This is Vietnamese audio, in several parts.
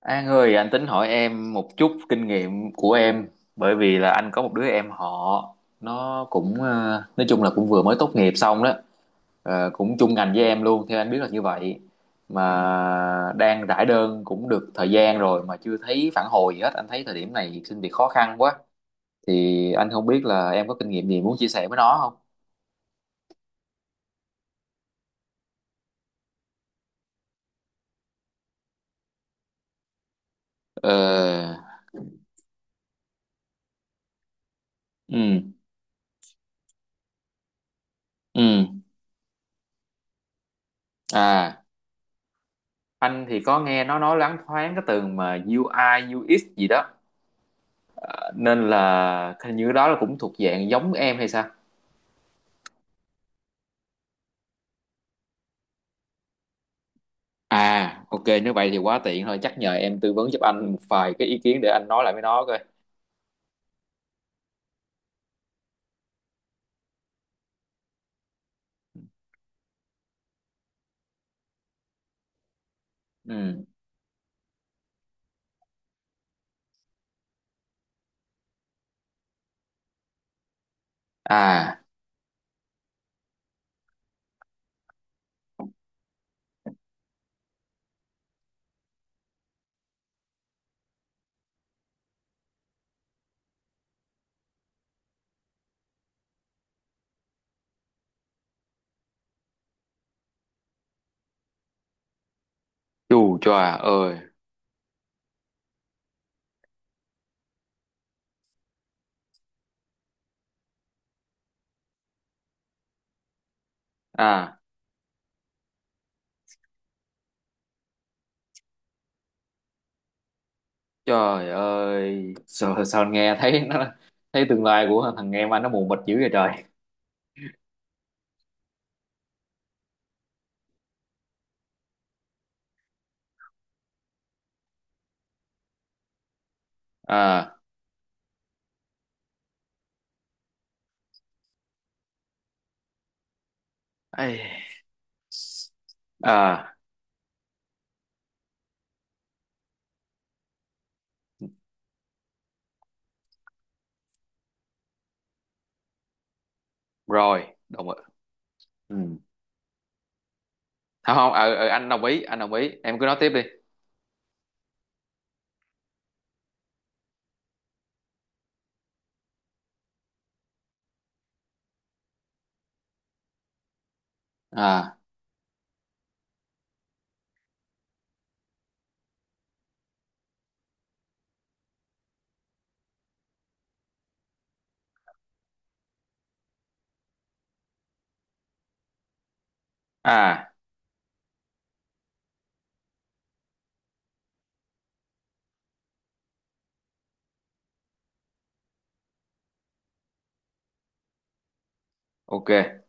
An ơi, anh tính hỏi em một chút kinh nghiệm của em, bởi vì là anh có một đứa em họ nó cũng nói chung là cũng vừa mới tốt nghiệp xong đó. Cũng chung ngành với em luôn, theo anh biết là như vậy, mà đang rải đơn cũng được thời gian rồi mà chưa thấy phản hồi gì hết. Anh thấy thời điểm này xin việc khó khăn quá, thì anh không biết là em có kinh nghiệm gì muốn chia sẻ với nó không? Ờ, ừ, ừ, à anh thì có nghe nó nói loáng thoáng cái từ mà UI UX gì đó. À, nên là hình như đó là cũng thuộc dạng giống em hay sao. Ok, nếu vậy thì quá tiện thôi, chắc nhờ em tư vấn giúp anh một vài cái ý kiến để anh nói lại với nó coi. ừ à Chù chà ơi. à Trời ơi, sao anh nghe thấy nó, thấy tương lai của thằng em anh nó mù mịt dữ vậy trời. à Ấy. à Rồi, đồng ý. ừ. Không không, anh đồng ý, em cứ nói tiếp đi. à à ok.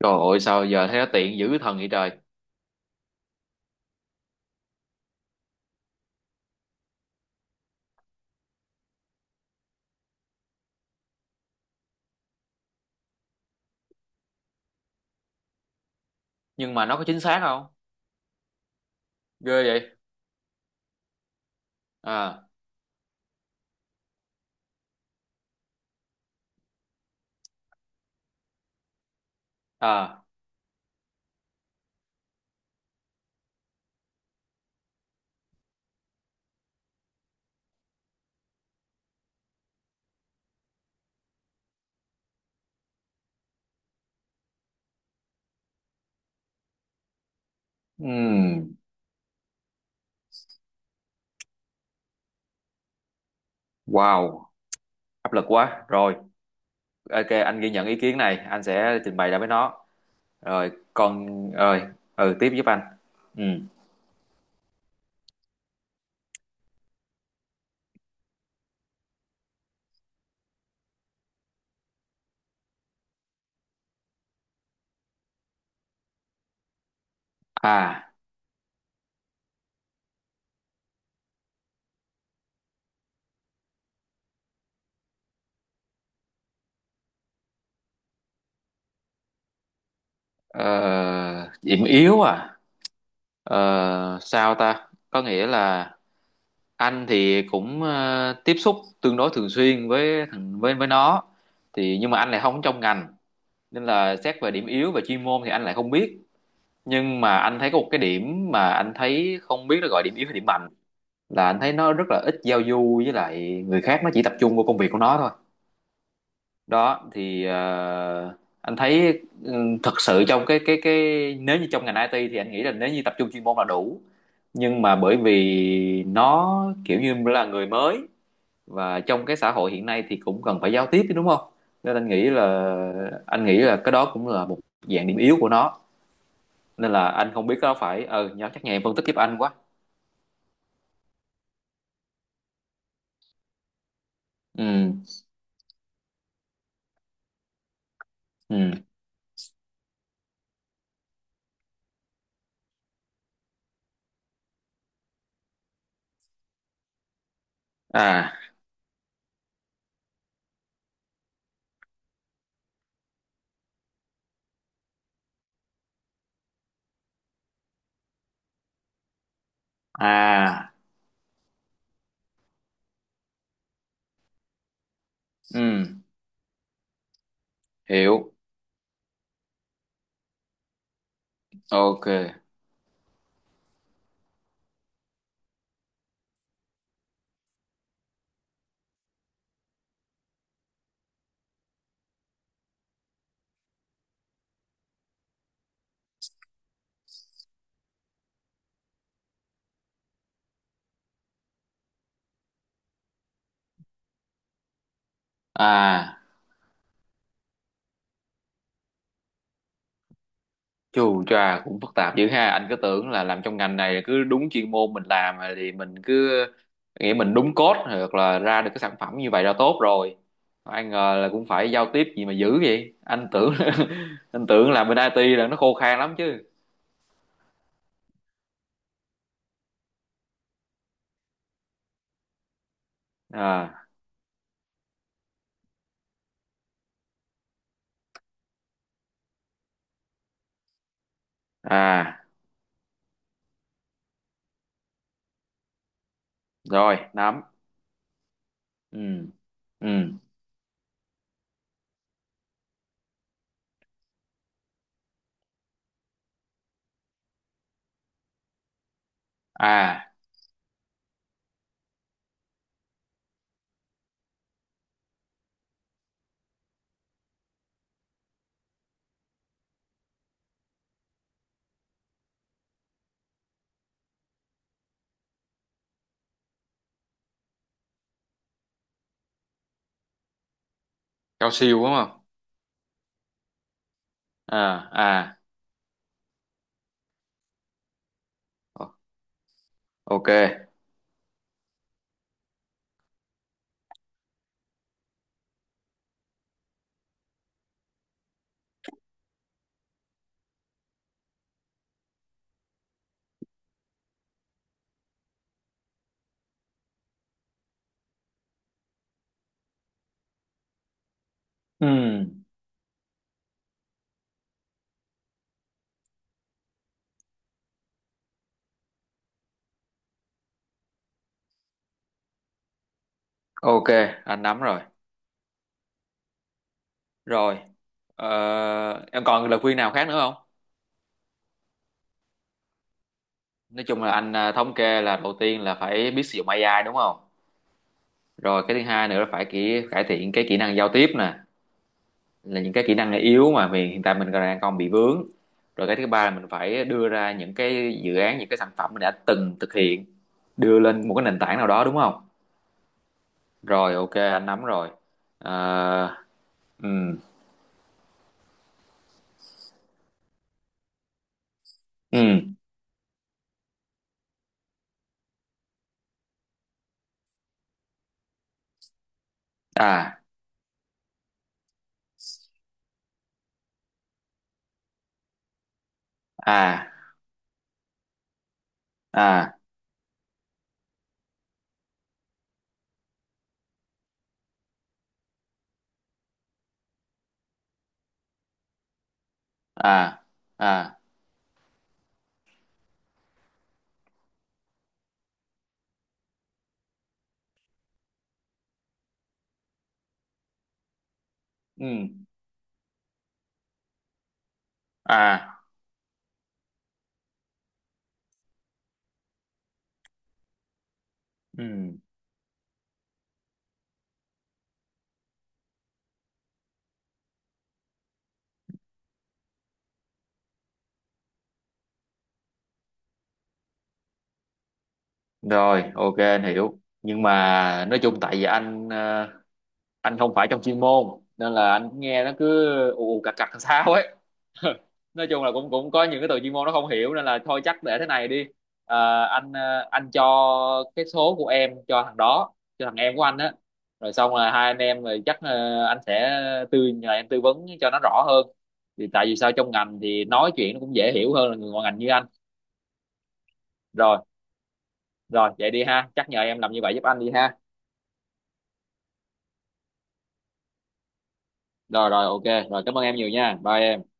Trời ơi, sao giờ thấy nó tiện dữ thần vậy trời. Nhưng mà nó có chính xác không? Ghê vậy. à à ừm, wow, áp lực quá rồi. Ok, anh ghi nhận ý kiến này, anh sẽ trình bày ra với nó. Rồi còn, rồi, ừ, tiếp giúp anh. ừ à ờ, Điểm yếu à. Sao ta, có nghĩa là anh thì cũng tiếp xúc tương đối thường xuyên với thằng với nó, thì nhưng mà anh lại không trong ngành, nên là xét về điểm yếu về chuyên môn thì anh lại không biết. Nhưng mà anh thấy có một cái điểm mà anh thấy không biết nó gọi điểm yếu hay điểm mạnh, là anh thấy nó rất là ít giao du với lại người khác, nó chỉ tập trung vào công việc của nó thôi. Đó thì anh thấy thật sự trong cái nếu như trong ngành IT thì anh nghĩ là nếu như tập trung chuyên môn là đủ, nhưng mà bởi vì nó kiểu như là người mới và trong cái xã hội hiện nay thì cũng cần phải giao tiếp chứ, đúng không. Nên anh nghĩ là, cái đó cũng là một dạng điểm yếu của nó, nên là anh không biết có phải chắc nhà em phân tích giúp anh quá. ừ ừ à à ừ Hiểu. Ok. à Chù chà, cũng phức tạp dữ ha, anh cứ tưởng là làm trong ngành này cứ đúng chuyên môn mình làm thì mình cứ nghĩ mình đúng code hoặc là ra được cái sản phẩm như vậy là tốt rồi. Ai ngờ là cũng phải giao tiếp gì mà dữ vậy. Anh tưởng anh tưởng là bên IT là nó khô khan lắm chứ. à à Rồi, nắm. ừ ừ à Cao siêu đúng không. à à Ờ, ok. ừ Ok, anh nắm rồi. Rồi, ờ, em còn lời khuyên nào khác nữa không? Nói chung là anh thống kê là đầu tiên là phải biết sử dụng AI đúng không? Rồi cái thứ hai nữa là phải cải thiện cái kỹ năng giao tiếp nè, là những cái kỹ năng yếu mà mình hiện tại mình còn đang bị vướng. Rồi cái thứ ba là mình phải đưa ra những cái dự án, những cái sản phẩm mình đã từng thực hiện, đưa lên một cái nền tảng nào đó đúng không? Rồi ok, anh nắm rồi. Ờ, ừ, ừ, à, à, à, à, à, ừ. À, ừ. Rồi, ok, anh hiểu. Nhưng mà nói chung tại vì anh anh không phải trong chuyên môn nên là anh nghe nó cứ ù ù cặc cặc làm sao ấy. Nói chung là cũng cũng có những cái từ chuyên môn nó không hiểu nên là thôi chắc để thế này đi. Ờ, anh anh cho cái số của em cho thằng đó, cho thằng em của anh á. Rồi xong là hai anh em rồi chắc anh sẽ nhờ em tư vấn cho nó rõ hơn. Thì tại vì sao trong ngành thì nói chuyện nó cũng dễ hiểu hơn là người ngoài ngành như anh. Rồi. Rồi vậy đi ha, chắc nhờ em làm như vậy giúp anh đi ha. Rồi rồi, ok rồi, cảm ơn em nhiều nha, bye em.